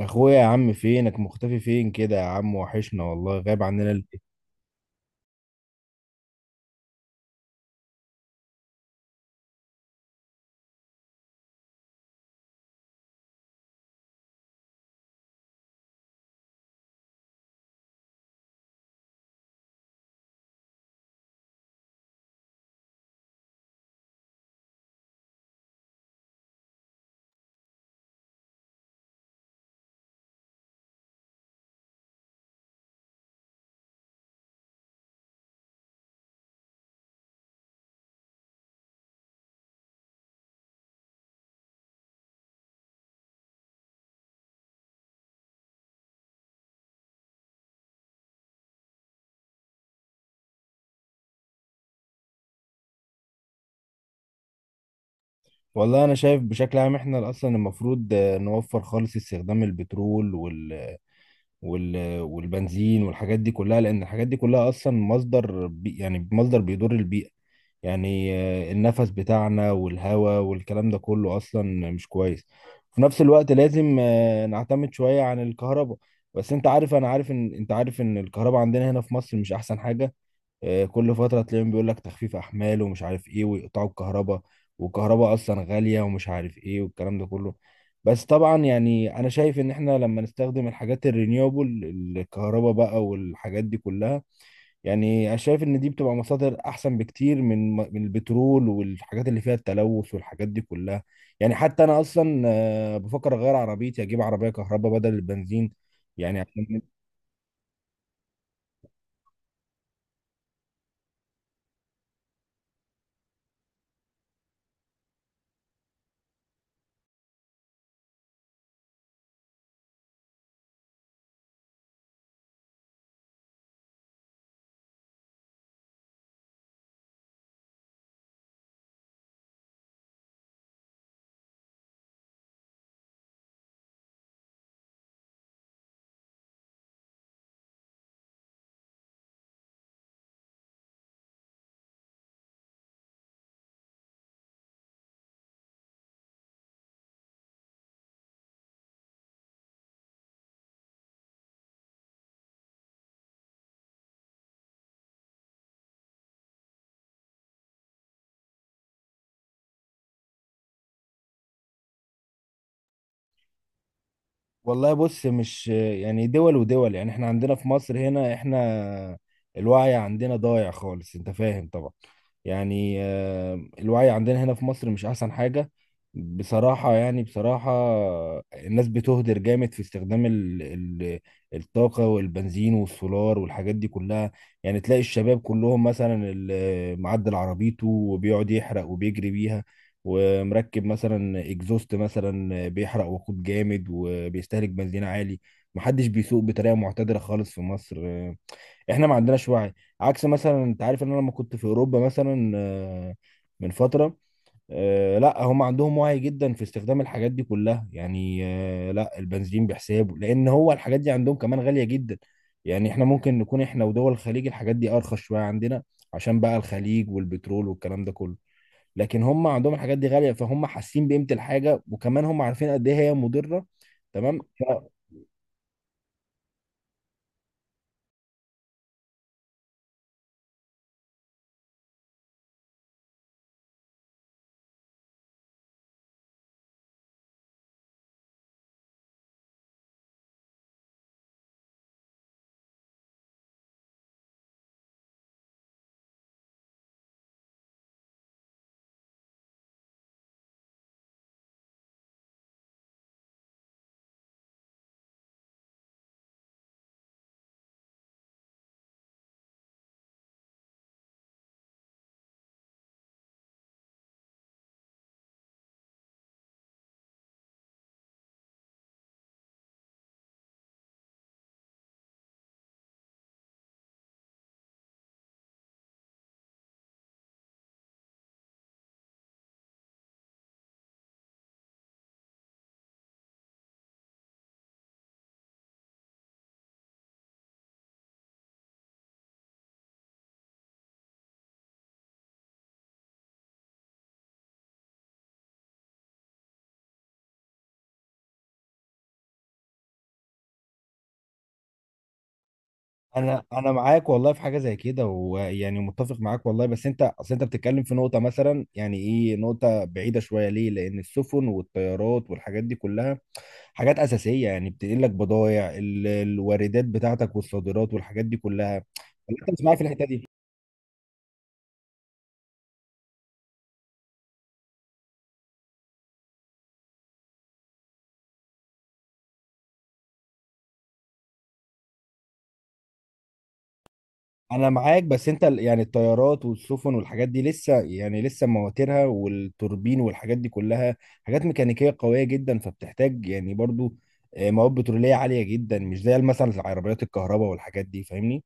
اخويا يا عم فينك مختفي فين كده يا عم وحشنا والله، غايب عننا ليه؟ والله انا شايف بشكل عام احنا اصلا المفروض نوفر خالص استخدام البترول والبنزين والحاجات دي كلها، لان الحاجات دي كلها اصلا مصدر بيضر البيئة. يعني النفس بتاعنا والهواء والكلام ده كله اصلا مش كويس. في نفس الوقت لازم نعتمد شوية عن الكهرباء. بس انت عارف، انا عارف ان انت عارف ان الكهرباء عندنا هنا في مصر مش احسن حاجة. كل فترة تلاقيهم بيقول لك تخفيف أحمال ومش عارف إيه، ويقطعوا الكهرباء. والكهرباء أصلا غالية ومش عارف إيه والكلام ده كله. بس طبعا يعني أنا شايف إن إحنا لما نستخدم الحاجات الرينيوبل، الكهرباء بقى والحاجات دي كلها، يعني أنا شايف إن دي بتبقى مصادر أحسن بكتير من البترول والحاجات اللي فيها التلوث والحاجات دي كلها. يعني حتى أنا أصلا بفكر أغير عربيتي، أجيب عربية كهرباء بدل البنزين، يعني عشان. والله بص، مش يعني دول ودول، يعني احنا عندنا في مصر هنا، احنا الوعي عندنا ضايع خالص، انت فاهم طبعا. يعني الوعي عندنا هنا في مصر مش احسن حاجة بصراحة، يعني بصراحة. الناس بتهدر جامد في استخدام ال الطاقة والبنزين والسولار والحاجات دي كلها. يعني تلاقي الشباب كلهم مثلا اللي معدل عربيته وبيقعد يحرق وبيجري بيها، ومركب مثلا اكزوست مثلا بيحرق وقود جامد وبيستهلك بنزين عالي. محدش بيسوق بطريقه معتدله خالص في مصر. احنا ما عندناش وعي. عكس مثلا، انت عارف ان انا لما كنت في اوروبا مثلا من فتره، لا هم عندهم وعي جدا في استخدام الحاجات دي كلها. يعني لا، البنزين بحسابه، لان هو الحاجات دي عندهم كمان غاليه جدا. يعني احنا ممكن نكون احنا ودول الخليج الحاجات دي ارخص شويه عندنا، عشان بقى الخليج والبترول والكلام ده كله. لكن هم عندهم الحاجات دي غاليه، فهم حاسين بقيمه الحاجه، وكمان هم عارفين قد ايه هي مضره. تمام. فانا معاك والله في حاجه زي كده، ويعني متفق معاك والله. بس انت اصل انت بتتكلم في نقطه مثلا، يعني ايه، نقطه بعيده شويه، ليه؟ لان السفن والطيارات والحاجات دي كلها حاجات اساسيه، يعني بتنقل لك بضائع ال- الواردات بتاعتك والصادرات والحاجات دي كلها. انت مش معايا في الحته دي. انا معاك، بس انت ال- يعني الطيارات والسفن والحاجات دي لسه، يعني لسه مواترها والتوربين والحاجات دي كلها حاجات ميكانيكيه قويه جدا، فبتحتاج يعني برضو مواد بتروليه عاليه جدا، مش زي مثلا العربيات الكهرباء والحاجات دي، فاهمني.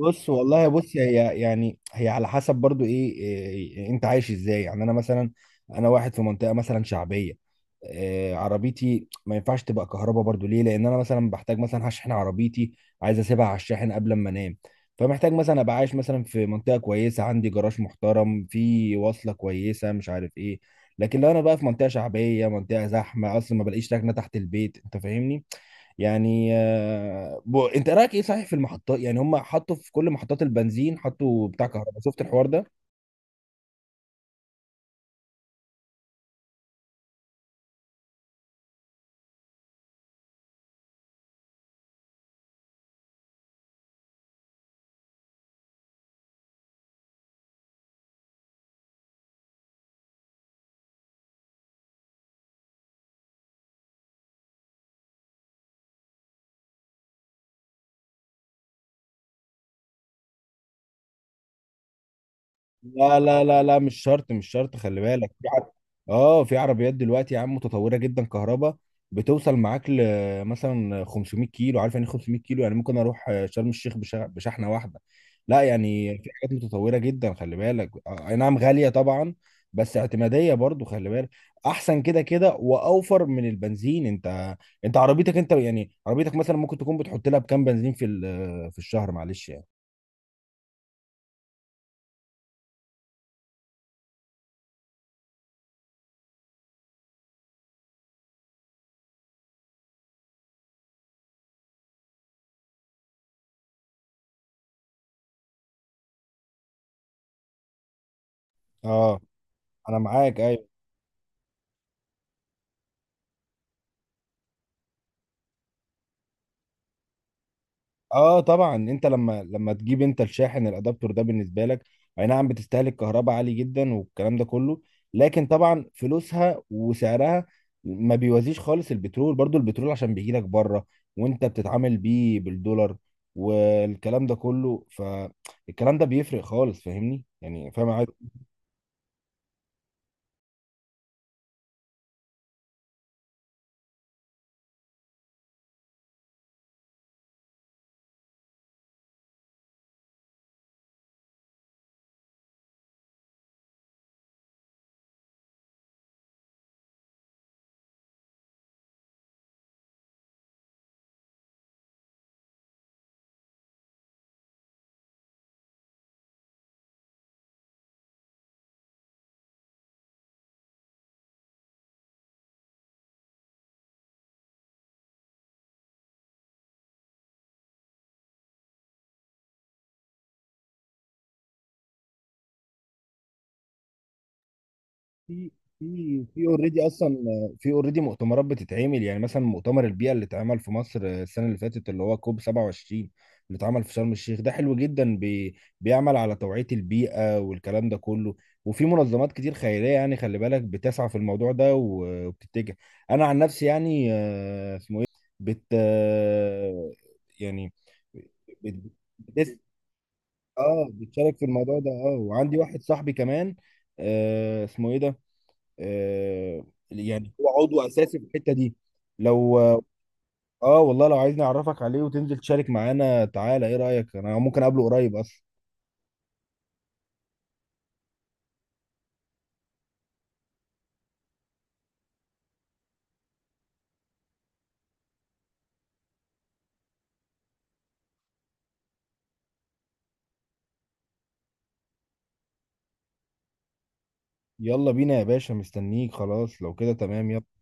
بص والله، بص، هي يعني هي على حسب برضو ايه, إيه إيه، انت عايش ازاي. يعني انا مثلا، انا واحد في منطقه مثلا شعبيه، إيه، عربيتي ما ينفعش تبقى كهرباء برضو، ليه؟ لان انا مثلا بحتاج، مثلا هشحن عربيتي، عايز اسيبها على الشاحن قبل ما انام. فمحتاج مثلا ابقى عايش مثلا في منطقه كويسه، عندي جراج محترم، في واصله كويسه، مش عارف ايه. لكن لو انا بقى في منطقه شعبيه، منطقه زحمه، اصلا ما بلاقيش ركنه تحت البيت، انت فاهمني. يعني انت رايك ايه صحيح في المحطات؟ يعني هم حطوا في كل محطات البنزين حطوا بتاع كهرباء، شفت الحوار ده؟ لا مش شرط، مش شرط. خلي بالك، في عر... اه في عربيات دلوقتي يا عم متطوره جدا كهرباء، بتوصل معاك ل مثلا 500 كيلو، عارف يعني إيه 500 كيلو؟ يعني ممكن اروح شرم الشيخ بشحنه واحده. لا يعني في حاجات متطوره جدا، خلي بالك، اي نعم غاليه طبعا، بس اعتماديه برضو، خلي بالك احسن كده كده، واوفر من البنزين. انت عربيتك، انت يعني عربيتك مثلا ممكن تكون بتحط لها بكام بنزين في ال- في الشهر؟ معلش يعني. اه انا معاك ايوه. اه طبعا انت لما تجيب انت الشاحن الادابتور ده بالنسبه لك، اي نعم بتستهلك كهرباء عالي جدا والكلام ده كله، لكن طبعا فلوسها وسعرها ما بيوازيش خالص البترول. برضو البترول عشان بيجي لك بره، وانت بتتعامل بيه بالدولار والكلام ده كله، فالكلام ده بيفرق خالص، فاهمني يعني، فاهم. في في اوريدي اصلا، في اوريدي مؤتمرات بتتعمل، يعني مثلا مؤتمر البيئه اللي اتعمل في مصر السنه اللي فاتت، اللي هو كوب 27، اللي اتعمل في شرم الشيخ ده، حلو جدا، بيعمل على توعيه البيئه والكلام ده كله. وفي منظمات كتير خيريه يعني، خلي بالك، بتسعى في الموضوع ده و- وبتتجه. انا عن نفسي يعني اسمه ايه، بت آه، يعني بت بتس- اه بتشارك في الموضوع ده. اه وعندي واحد صاحبي كمان اسمه ايه ده، يعني هو عضو اساسي في الحته دي. لو اه، والله لو عايزني اعرفك عليه وتنزل تشارك معانا، تعالى، ايه رايك؟ انا ممكن اقابله قريب اصلا. يلا بينا يا باشا، مستنيك. خلاص لو كده تمام، يلا.